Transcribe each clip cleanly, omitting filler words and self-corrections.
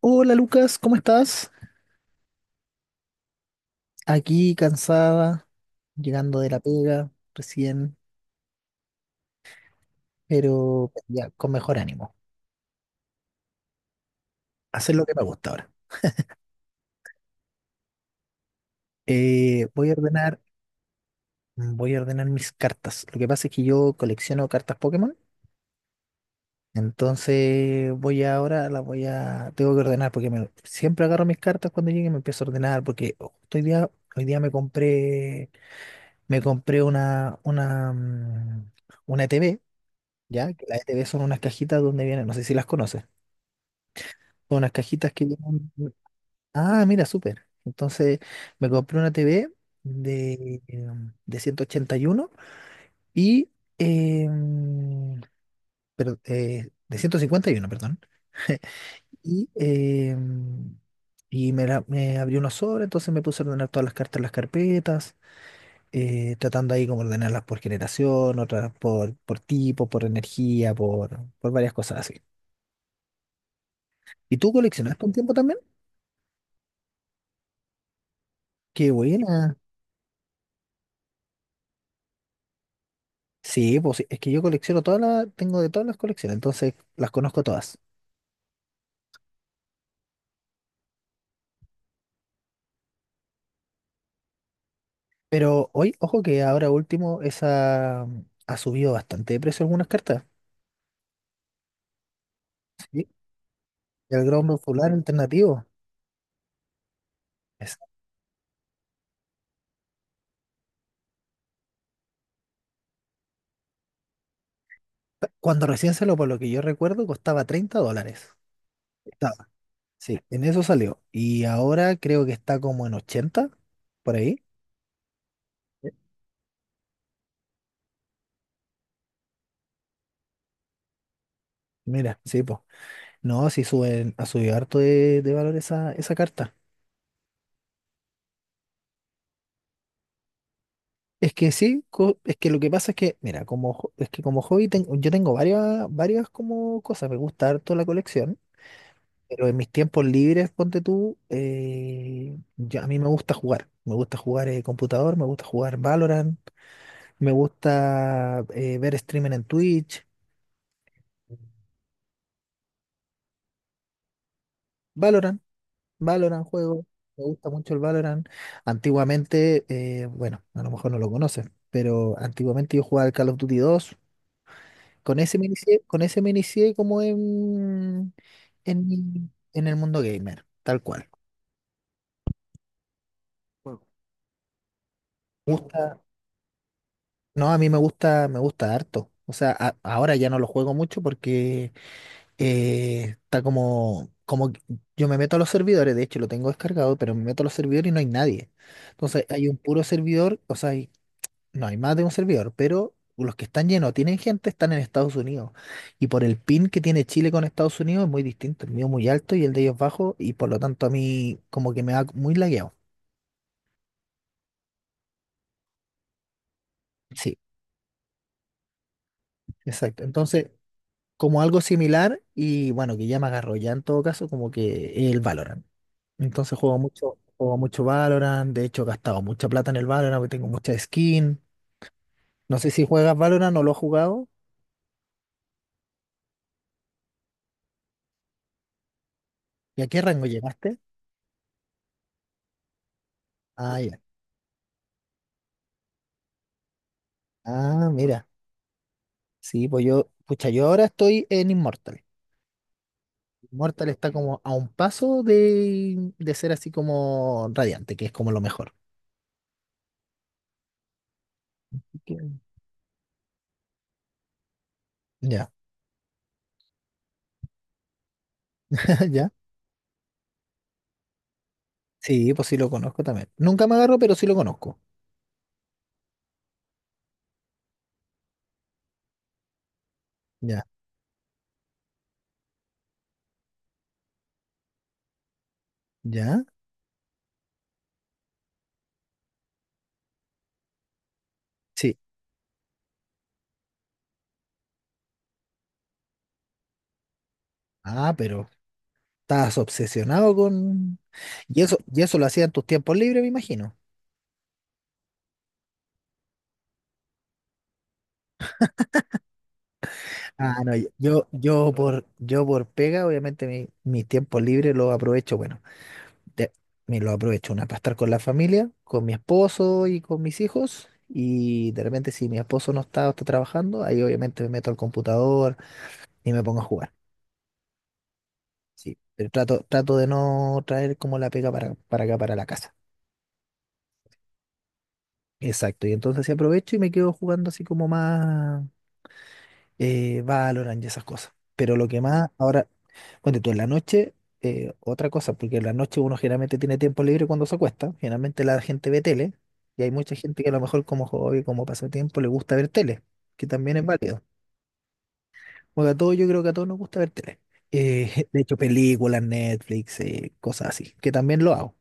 Hola Lucas, ¿cómo estás? Aquí cansada, llegando de la pega recién, pero ya con mejor ánimo. Hacer lo que me gusta ahora. Eh, voy a ordenar, voy a ordenar mis cartas. Lo que pasa es que yo colecciono cartas Pokémon, entonces voy ahora, tengo que ordenar porque siempre agarro mis cartas cuando llegue y me empiezo a ordenar porque justo hoy día me compré una TV ya, que las ETV son unas cajitas donde vienen, no sé si las conoces, son unas cajitas que vienen. Ah, mira, súper. Entonces me compré una TV de 181 y em, pero, de 151, perdón. Y, em, y me, me abrí unos sobres, entonces me puse a ordenar todas las cartas en las carpetas, tratando ahí como ordenarlas por generación, otras por, tipo, por energía, por, varias cosas así. ¿Y tú coleccionaste un tiempo también? Qué buena. Sí, pues sí, es que yo colecciono tengo de todas las colecciones, entonces las conozco todas. Pero hoy, ojo que ahora último, esa ha subido bastante de precio algunas cartas. Sí. El Ground Solar alternativo. Exacto. Cuando recién salió, por lo que yo recuerdo, costaba 30 dólares. Estaba. Sí, en eso salió. Y ahora creo que está como en 80 por ahí. Sí. Mira, sí, pues. No, sí suben, ha subido harto de valor esa carta. Es que sí, es que lo que pasa es que, mira, como es que como hobby yo tengo varias como cosas, me gusta harto la colección, pero en mis tiempos libres, ponte tú, a mí me gusta jugar, computador, me gusta jugar Valorant, me gusta ver streaming en Twitch, Valorant, Valorant juego, me gusta mucho el Valorant. Antiguamente, bueno, a lo mejor no lo conoces, pero antiguamente yo jugaba al Call of Duty 2. Con ese me inicié como en el mundo gamer, tal cual. Bueno, Me gusta, no, a mí me gusta harto. O sea, ahora ya no lo juego mucho porque está como que yo me meto a los servidores, de hecho lo tengo descargado, pero me meto a los servidores y no hay nadie. Entonces hay un puro servidor, o sea, no hay más de un servidor, pero los que están llenos, tienen gente, están en Estados Unidos. Y por el pin que tiene Chile con Estados Unidos es muy distinto. El mío muy alto y el de ellos bajo, y por lo tanto a mí como que me da muy lagueado. Sí, exacto. Entonces, como algo similar, y bueno, que ya me agarró ya en todo caso, como que el Valorant. Entonces juego mucho Valorant. De hecho, he gastado mucha plata en el Valorant, porque tengo mucha skin. No sé si juegas Valorant o lo has jugado. ¿Y a qué rango llegaste? Ah, ya. Ah, mira. Sí, pues pucha, yo ahora estoy en Immortal. Immortal está como a un paso de ser así como radiante, que es como lo mejor. Entiendo. Ya, ya. Sí, pues sí lo conozco también. Nunca me agarro, pero sí lo conozco. Ya, ya. Sí. Ah, pero estás obsesionado con. Y eso lo hacías en tus tiempos libres, me imagino. Ah, no, yo por pega, obviamente mis tiempos libres los aprovecho, bueno. de- Me lo aprovecho una para estar con la familia, con mi esposo y con mis hijos. Y de repente, si mi esposo no está o está trabajando, ahí obviamente me meto al computador y me pongo a jugar. Sí, pero trato de no traer como la pega para acá, para la casa. Exacto. Y entonces sí aprovecho y me quedo jugando así como más. Valorant y esas cosas. Pero lo que más ahora, bueno, tú en la noche, otra cosa, porque en la noche uno generalmente tiene tiempo libre cuando se acuesta, generalmente la gente ve tele, y hay mucha gente que a lo mejor como hobby, como pasatiempo, le gusta ver tele, que también es válido. Porque a todos, yo creo que a todos nos gusta ver tele. De hecho, películas, Netflix, cosas así, que también lo hago,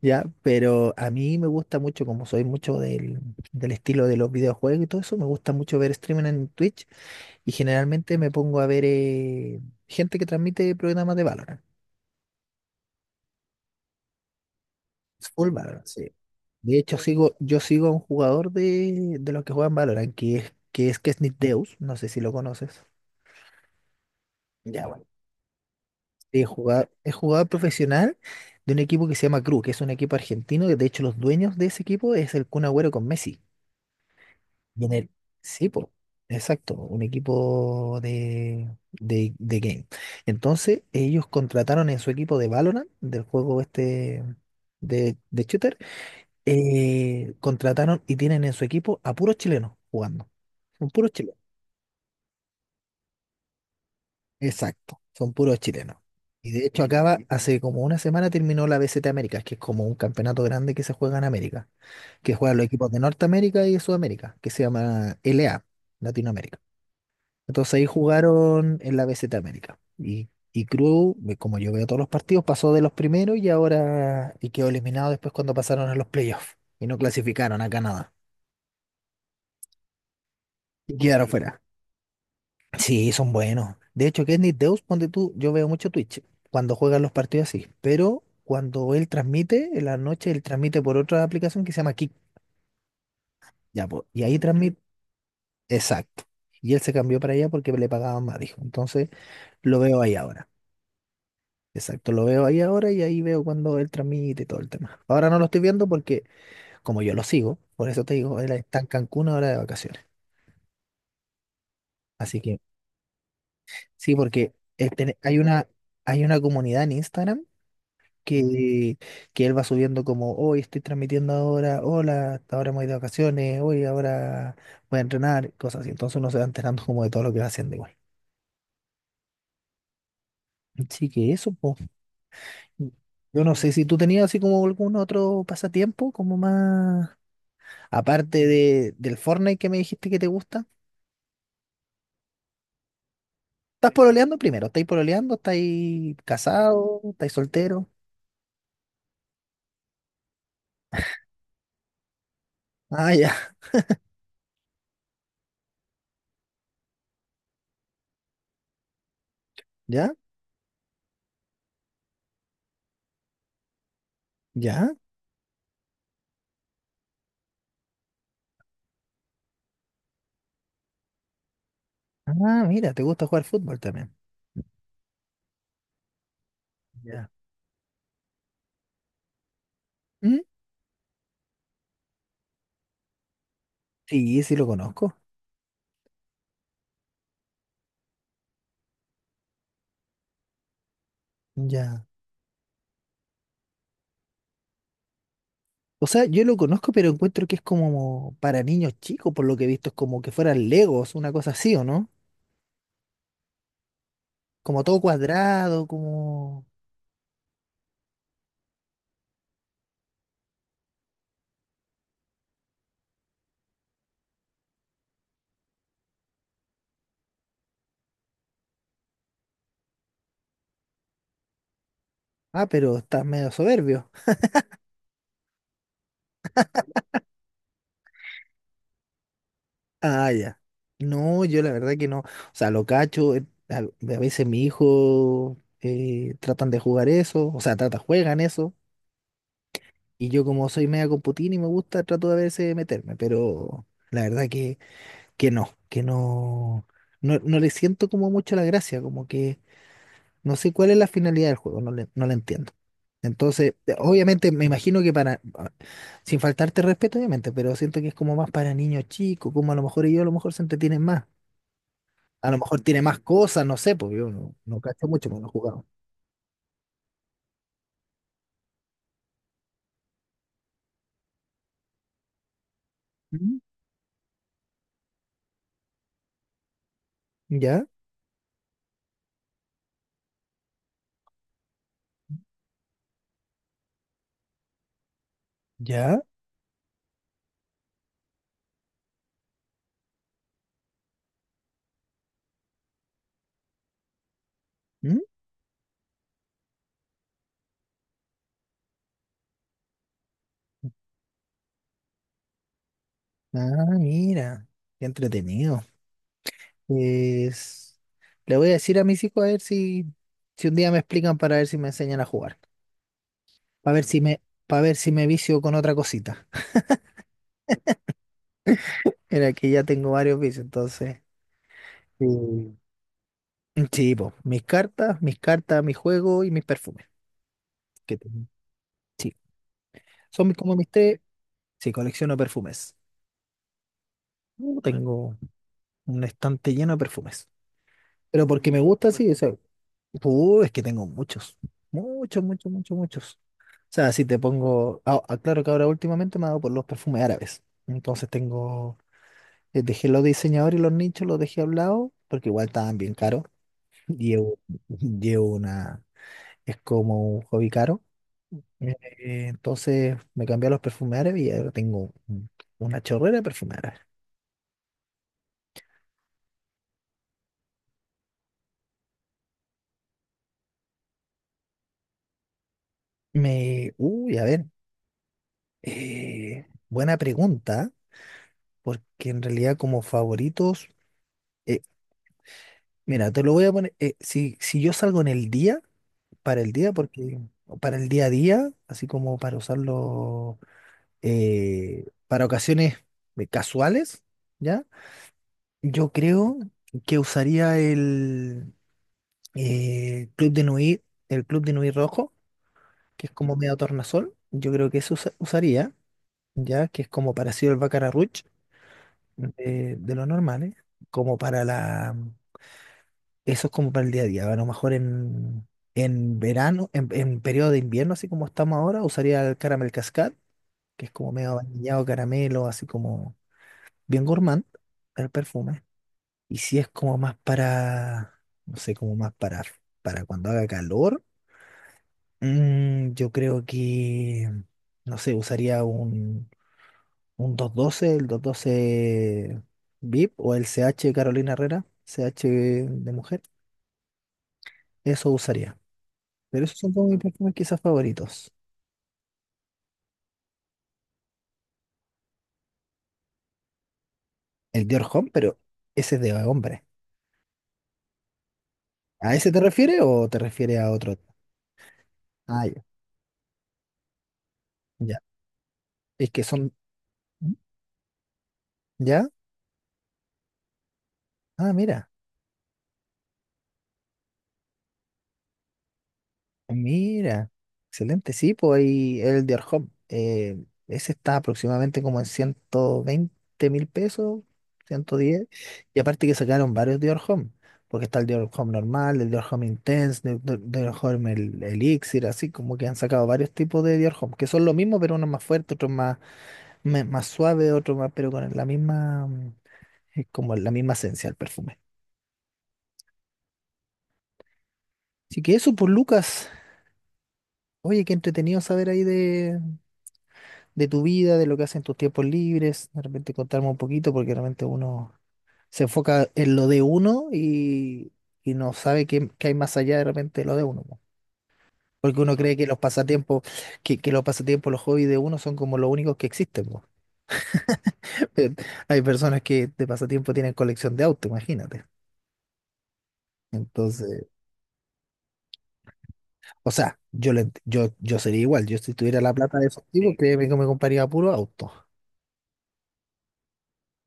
¿ya? Pero a mí me gusta mucho, como soy mucho del estilo de los videojuegos y todo eso, me gusta mucho ver streaming en Twitch. Y generalmente me pongo a ver gente que transmite programas de Valorant. Full Valorant, sí. De hecho, yo sigo a un jugador de los que juegan Valorant, que es Kesnit Deus. No sé si lo conoces. Ya, bueno. Sí, es jugador profesional de un equipo que se llama Cru, que es un equipo argentino. Que de hecho, los dueños de ese equipo es el Kun Agüero con Messi. Y en el, sí, po, exacto, un equipo de game. Entonces, ellos contrataron en su equipo de Valorant, del juego este de shooter, contrataron y tienen en su equipo a puros chilenos jugando. Son puros chilenos. Exacto, son puros chilenos. Y de hecho hace como una semana terminó la BCT Américas, que es como un campeonato grande que se juega en América, que juegan los equipos de Norteamérica y de Sudamérica, que se llama LA, Latinoamérica. Entonces ahí jugaron en la BZ América. Y Cruz, como yo veo todos los partidos, pasó de los primeros y ahora y quedó eliminado después cuando pasaron a los playoffs. Y no clasificaron a Canadá. Y quedaron fuera. Sí, son buenos. De hecho, Kenny Deus, ponte tú, yo veo mucho Twitch cuando juegan los partidos así. Pero cuando él transmite, en la noche él transmite por otra aplicación que se llama Kick. Ya, po, y ahí transmite. Exacto. Y él se cambió para allá porque le pagaban más, dijo. Entonces lo veo ahí ahora. Exacto, lo veo ahí ahora y ahí veo cuando él transmite y todo el tema. Ahora no lo estoy viendo porque, como yo lo sigo, por eso te digo, él está en Cancún ahora de vacaciones. Así que, sí, porque hay una comunidad en Instagram que, que él va subiendo como, hoy estoy transmitiendo ahora, hola, hasta ahora hemos ido de vacaciones, hoy ahora voy a entrenar, cosas así. Entonces uno se va enterando como de todo lo que va haciendo igual. Así que eso, pues. Yo no sé si tú tenías así como algún otro pasatiempo, como más. Aparte de, del Fortnite que me dijiste que te gusta. ¿Estás pololeando primero? ¿Estáis pololeando? ¿Estáis casado? ¿Estáis soltero? Ah, ya. ¿Ya? ¿Ya? Ah, mira, te gusta jugar fútbol también. Ya. ¿Mm? Sí, sí lo conozco. Ya. O sea, yo lo conozco, pero encuentro que es como para niños chicos, por lo que he visto, es como que fueran Legos, una cosa así, ¿o no? Como todo cuadrado. Ah, pero estás medio soberbio. Ah, ya. No, yo la verdad que no. O sea, lo cacho. A veces mi hijo tratan de jugar eso. O sea, juegan eso. Y yo como soy media computín y me gusta, trato de a veces de meterme. Pero la verdad que no le siento como mucho la gracia. Como que no sé cuál es la finalidad del juego, no la entiendo. Entonces, obviamente me imagino que sin faltarte respeto, obviamente, pero siento que es como más para niños chicos, como a lo mejor ellos a lo mejor se entretienen más. A lo mejor tiene más cosas, no sé, porque yo no cacho mucho, porque no he jugado. Mm, ¿ya? ¿Ya? ¿Mm? Ah, mira, qué entretenido. Pues le voy a decir a mis hijos a ver si, si un día me explican para ver si me enseñan a jugar. Para ver si me, para ver si me vicio con otra cosita. Era que ya tengo varios vicios, entonces. Sí, sí, po, mis cartas, mi juego y mis perfumes. Que tengo. Sí. Son como mis tres. Sí, colecciono perfumes. Tengo un estante lleno de perfumes. Pero porque me gusta, sí, o sea, es que tengo muchos. Muchos, muchos, muchos, muchos. O sea, si te pongo. Ah, ah, claro que ahora últimamente me ha dado por los perfumes árabes. Entonces tengo. Dejé los diseñadores y los nichos, los dejé a un lado, porque igual estaban bien caros. Llevo, llevo una. Es como un hobby caro. Entonces me cambié a los perfumes árabes y ahora tengo una chorrera de perfumes árabes. Me. Uy, a ver. Buena pregunta. Porque en realidad como favoritos, eh, mira, te lo voy a poner, si yo salgo en el día, para el día, porque o para el día a día, así como para usarlo para ocasiones casuales, ¿ya? Yo creo que usaría el Club de Nui, el Club de Nui rojo, que es como medio tornasol, yo creo que eso usaría, ¿ya? Que es como parecido al Baccarat Rouge de lo normal, ¿eh? Como para la Eso es como para el día a día. A lo mejor en verano, en periodo de invierno, así como estamos ahora, usaría el caramel cascade, que es como medio vainillado caramelo, así como bien gourmand el perfume. Y si es como más para, no sé, como más para cuando haga calor, yo creo que, no sé, usaría un 212 el 212 VIP o el CH de Carolina Herrera, CH de mujer. Eso usaría. Pero esos son como mis perfumes quizás favoritos. El Dior Homme, pero ese es de hombre. ¿A ese te refieres o te refieres a otro? Ah, ya. Ya. Es que son. ¿Ya? Ah, mira. Mira. Excelente. Sí, pues ahí el Dior Homme. Ese está aproximadamente como en 120 mil pesos, 110. Y aparte que sacaron varios Dior Homme. Porque está el Dior Homme normal, el Dior Homme Intense, el Dior Homme el, Elixir, así como que han sacado varios tipos de Dior Homme, que son lo mismo, pero uno más fuerte, otro más más suave, otro más, pero con la misma, como la misma esencia del perfume. Así que eso por Lucas. Oye, qué entretenido saber ahí de tu vida, de lo que haces en tus tiempos libres. De repente contarme un poquito, porque realmente uno se enfoca en lo de uno y no sabe qué hay más allá de repente de lo de uno. Po. Porque uno cree que los pasatiempos, los hobbies de uno son como los únicos que existen. Po. Hay personas que de pasatiempo tienen colección de autos, imagínate. Entonces, o sea, yo sería igual. Yo si tuviera la plata de efectivo. Sí. Créeme que me compraría puro auto.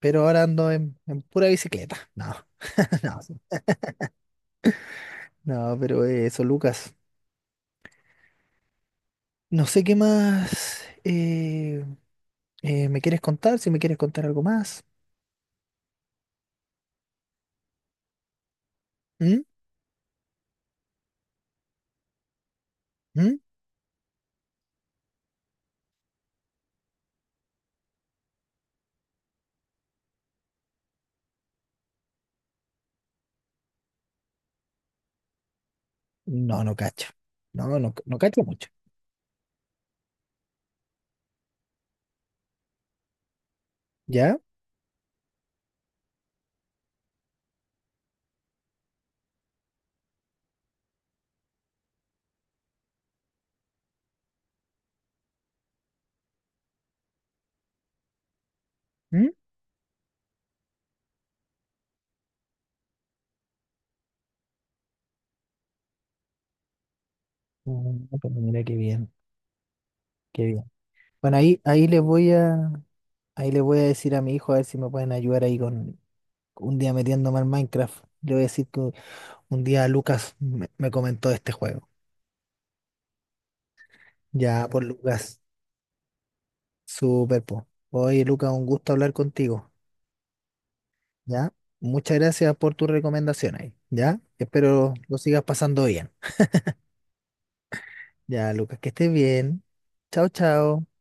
Pero ahora ando en pura bicicleta. No, no, sí. No, pero eso, Lucas. No sé qué más me quieres contar, si me quieres contar algo más. ¿Mm? ¿Mm? No, no cacho. No, no, no cacho mucho. ¿Ya? ¿Mm? Mm, pero mira qué bien, qué bien. Bueno, ahí les voy a decir a mi hijo a ver si me pueden ayudar ahí con un día metiéndome al Minecraft. Le voy a decir que un día Lucas me comentó de este juego. Ya, por Lucas, súper po. Oye, Lucas, un gusto hablar contigo. Ya, muchas gracias por tus recomendaciones. Ya, espero lo sigas pasando bien. Ya, Lucas, que estés bien. Chao, chao.